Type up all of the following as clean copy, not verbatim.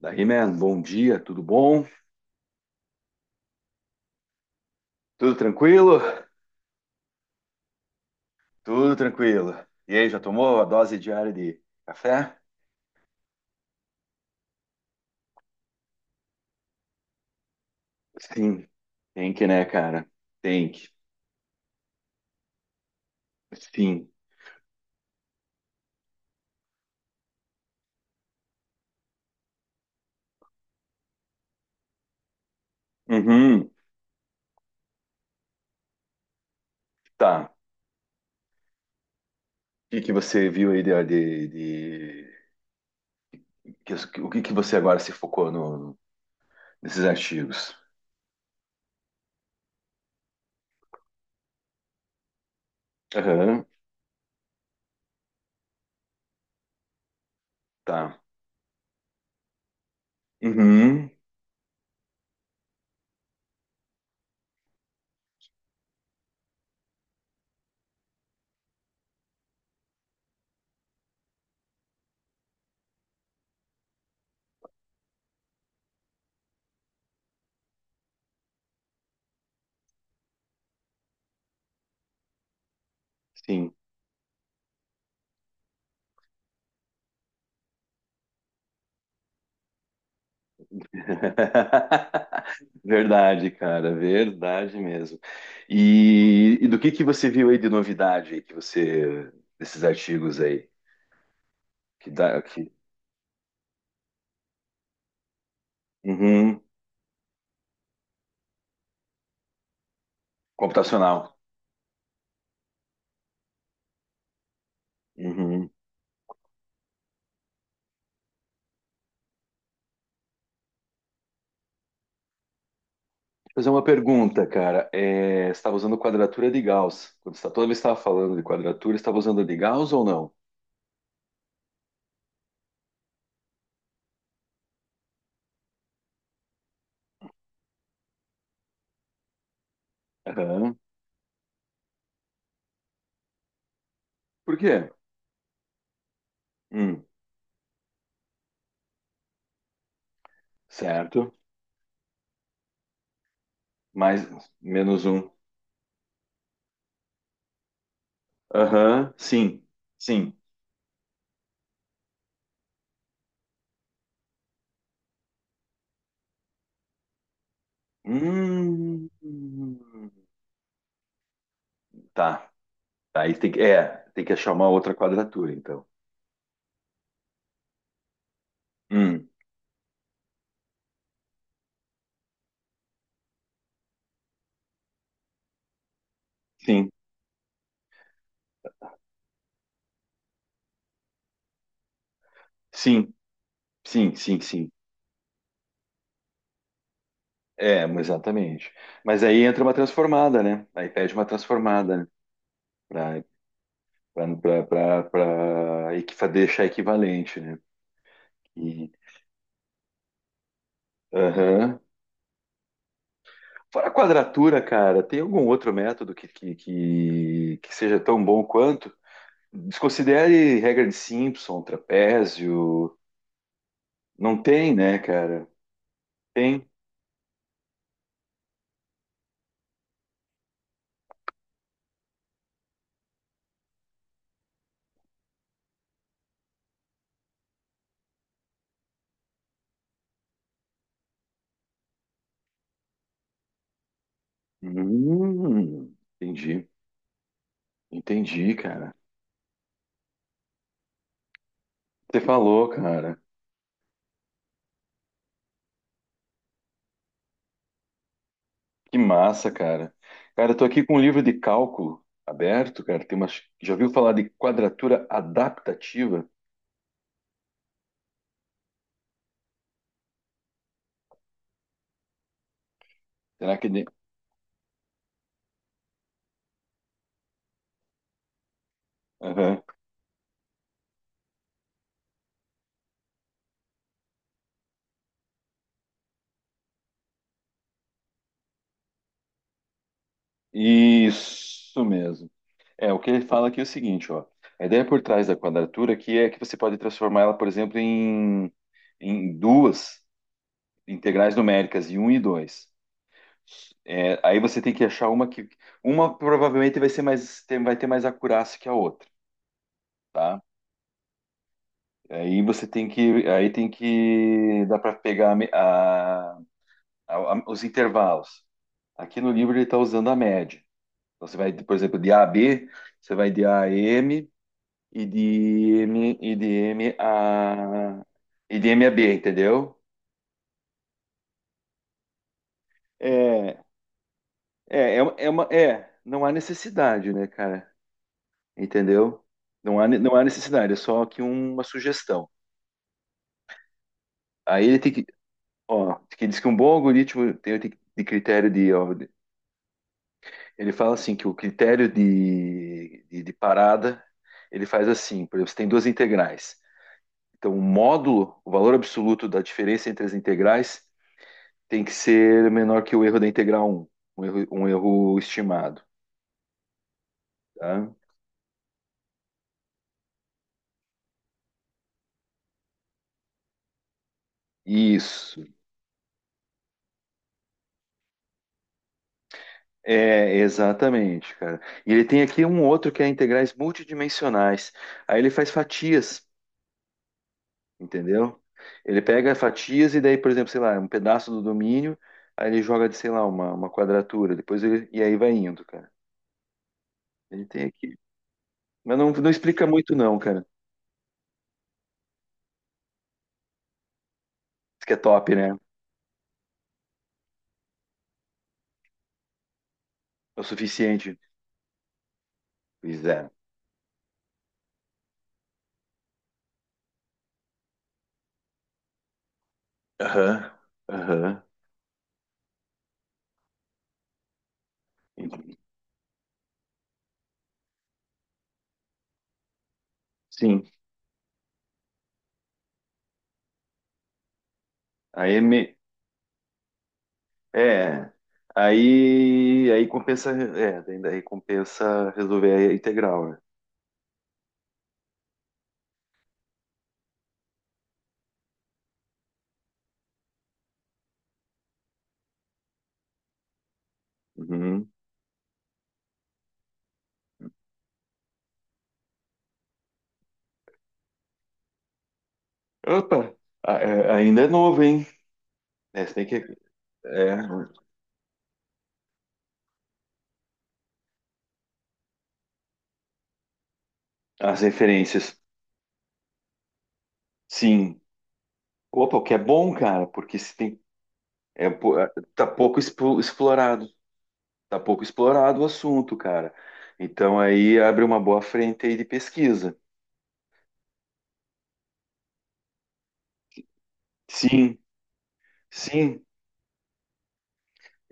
Da He-Man, bom dia, tudo bom? Tudo tranquilo? Tudo tranquilo. E aí, já tomou a dose diária de café? Sim, tem que, né, cara? Tem que. Sim. Uhum. Tá. O que que você viu aí de- o que que você agora se focou no, nesses artigos? Aham. Tá. Uhum. Sim. Verdade, cara, verdade mesmo. E do que você viu aí de novidade aí que você desses artigos aí que dá que Uhum, computacional. Uhum. Deixa eu fazer uma pergunta, cara. É, você estava usando quadratura de Gauss? Quando você, toda vez que estava falando de quadratura, você estava usando a de Gauss ou não? Aham. Por quê? Hum, certo. Mais menos um. Aham. Sim. Sim. Hum. Tá. Aí tem que achar uma outra quadratura, então. Hum, sim, sim, sim, sim, sim. É, exatamente. Mas aí entra uma transformada, né? Aí pede uma transformada, né? Pra deixar equivalente, né? E, aham. Fora a quadratura, cara, tem algum outro método que seja tão bom quanto? Desconsidere regra de Simpson, trapézio. Não tem, né, cara? Tem. Hum, entendi. Entendi, cara. Você falou, cara. Que massa, cara. Cara, eu tô aqui com um livro de cálculo aberto, cara. Tem umas... Já ouviu falar de quadratura adaptativa? Será que... Aham. Isso mesmo. É, o que ele fala aqui é o seguinte, ó. A ideia por trás da quadratura aqui é que você pode transformar ela, por exemplo, em duas integrais numéricas, em um e 2. É, aí você tem que achar uma que... Uma provavelmente vai ser mais... vai ter mais acurácia que a outra, tá? Aí você tem que, dá para pegar a me- a- os intervalos. Aqui no livro ele está usando a média. Então você vai, por exemplo, de A a B, você vai de A a M e de M e de M a e de M a B, entendeu? É, não há necessidade, né, cara? Entendeu? Não há necessidade, é só aqui uma sugestão. Aí ele tem que, ó, que diz que um bom algoritmo tem de critério de, ó, ele fala assim que o critério de parada, ele faz assim, por exemplo, você tem duas integrais. Então, o módulo, o valor absoluto da diferença entre as integrais tem que ser menor que o erro da integral um um erro estimado, tá? Isso, é exatamente, cara. E ele tem aqui um outro que é integrais multidimensionais. Aí ele faz fatias. Entendeu? Ele pega fatias e daí, por exemplo, sei lá, um pedaço do domínio, aí ele joga de, sei lá, uma quadratura, e aí vai indo, cara. Ele tem aqui. Mas não, não explica muito não, cara. Isso que é top, né? É o suficiente. Pois é. Aham. Aham. Sim. Aí é. Aí compensa, daí compensa resolver a integral, né? Uhum. Opa, ainda é novo, hein? É, você tem que, é, as referências. Sim. Opa, o que é bom, cara, porque se tem, pô, tá pouco expo- explorado, tá pouco explorado o assunto, cara. Então aí abre uma boa frente aí de pesquisa. Sim, sim,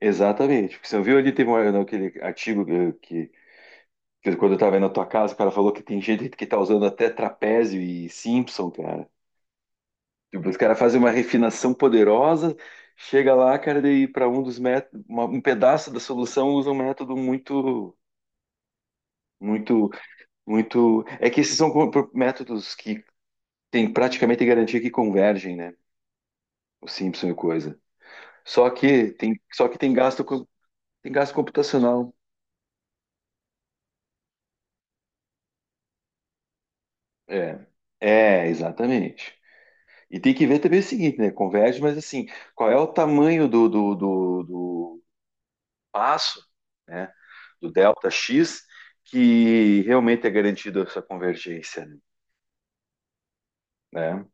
exatamente. Porque você viu ali, aquele artigo que quando eu estava aí na tua casa, o cara falou que tem gente que tá usando até trapézio e Simpson, cara. Tipo, os caras fazem uma refinação poderosa, chega lá, cara, daí para um dos métodos, um pedaço da solução usa um método muito, muito muito. É que esses são métodos que tem praticamente garantia que convergem, né? O Simpson e coisa. Só que tem gasto, co- tem gasto computacional. É, é, exatamente. E tem que ver também o seguinte, né? Converge, mas assim, qual é o tamanho do passo, né? Do delta X, que realmente é garantido essa convergência, né?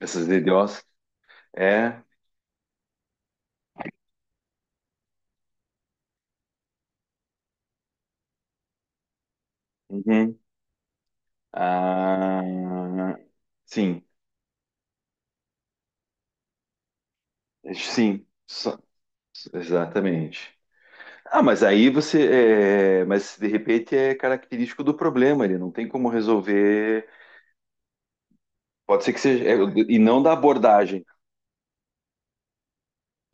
Essas DDoS. É. Uhum. Ah, sim. Sim, exatamente. Ah, mas aí mas de repente é característico do problema, ele não tem como resolver. Pode ser que seja, é, e não da abordagem.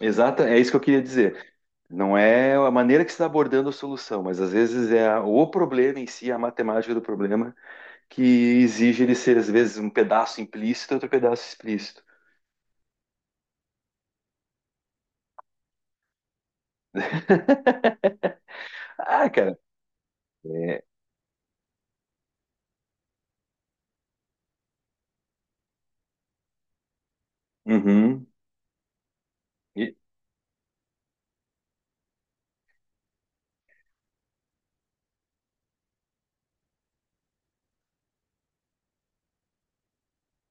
Exata, é isso que eu queria dizer. Não é a maneira que você está abordando a solução, mas às vezes é o problema em si, a matemática do problema, que exige ele ser, às vezes, um pedaço implícito e outro pedaço explícito. Ah, cara, é. Uhum. E-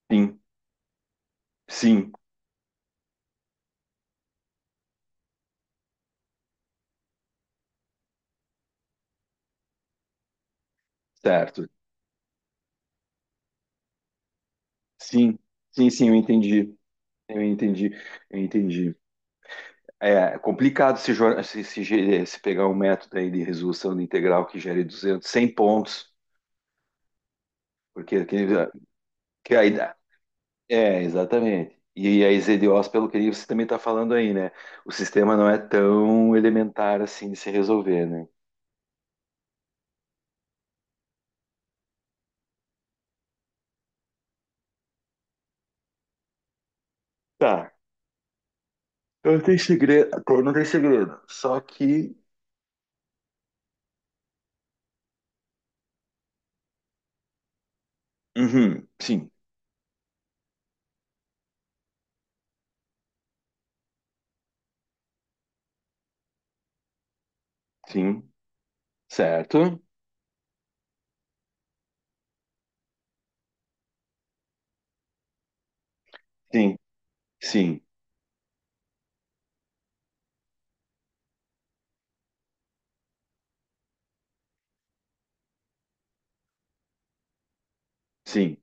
sim, sim, certo. Sim, sim, sim, eu entendi. Eu entendi, eu entendi. É complicado se, jo- se ge- se pegar um método aí de resolução de integral que gere 200 100 pontos, porque aquele, que aí dá- é, exatamente. E a EZDOs, pelo que você também está falando aí, né? O sistema não é tão elementar assim de se resolver, né? Tá. Então não tem segredo, então não tem segredo. Só que, uhum, sim, sim, certo? Sim, sim, sim.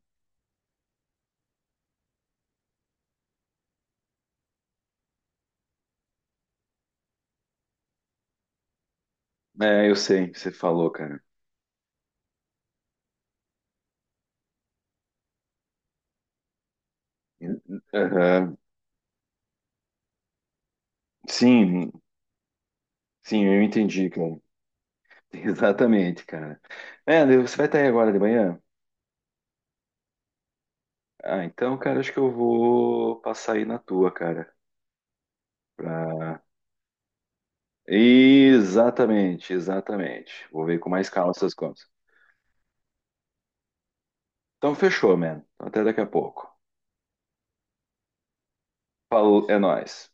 É, eu sei, você falou, cara. Aham, sim, sim, eu entendi, cara. Exatamente, cara. É, daí você vai estar aí agora de manhã? Ah, então, cara, acho que eu vou passar aí na tua, cara. pra- Exatamente, exatamente. Vou ver com mais calma essas coisas. Então, fechou, man. Até daqui a pouco. Falou, é nóis.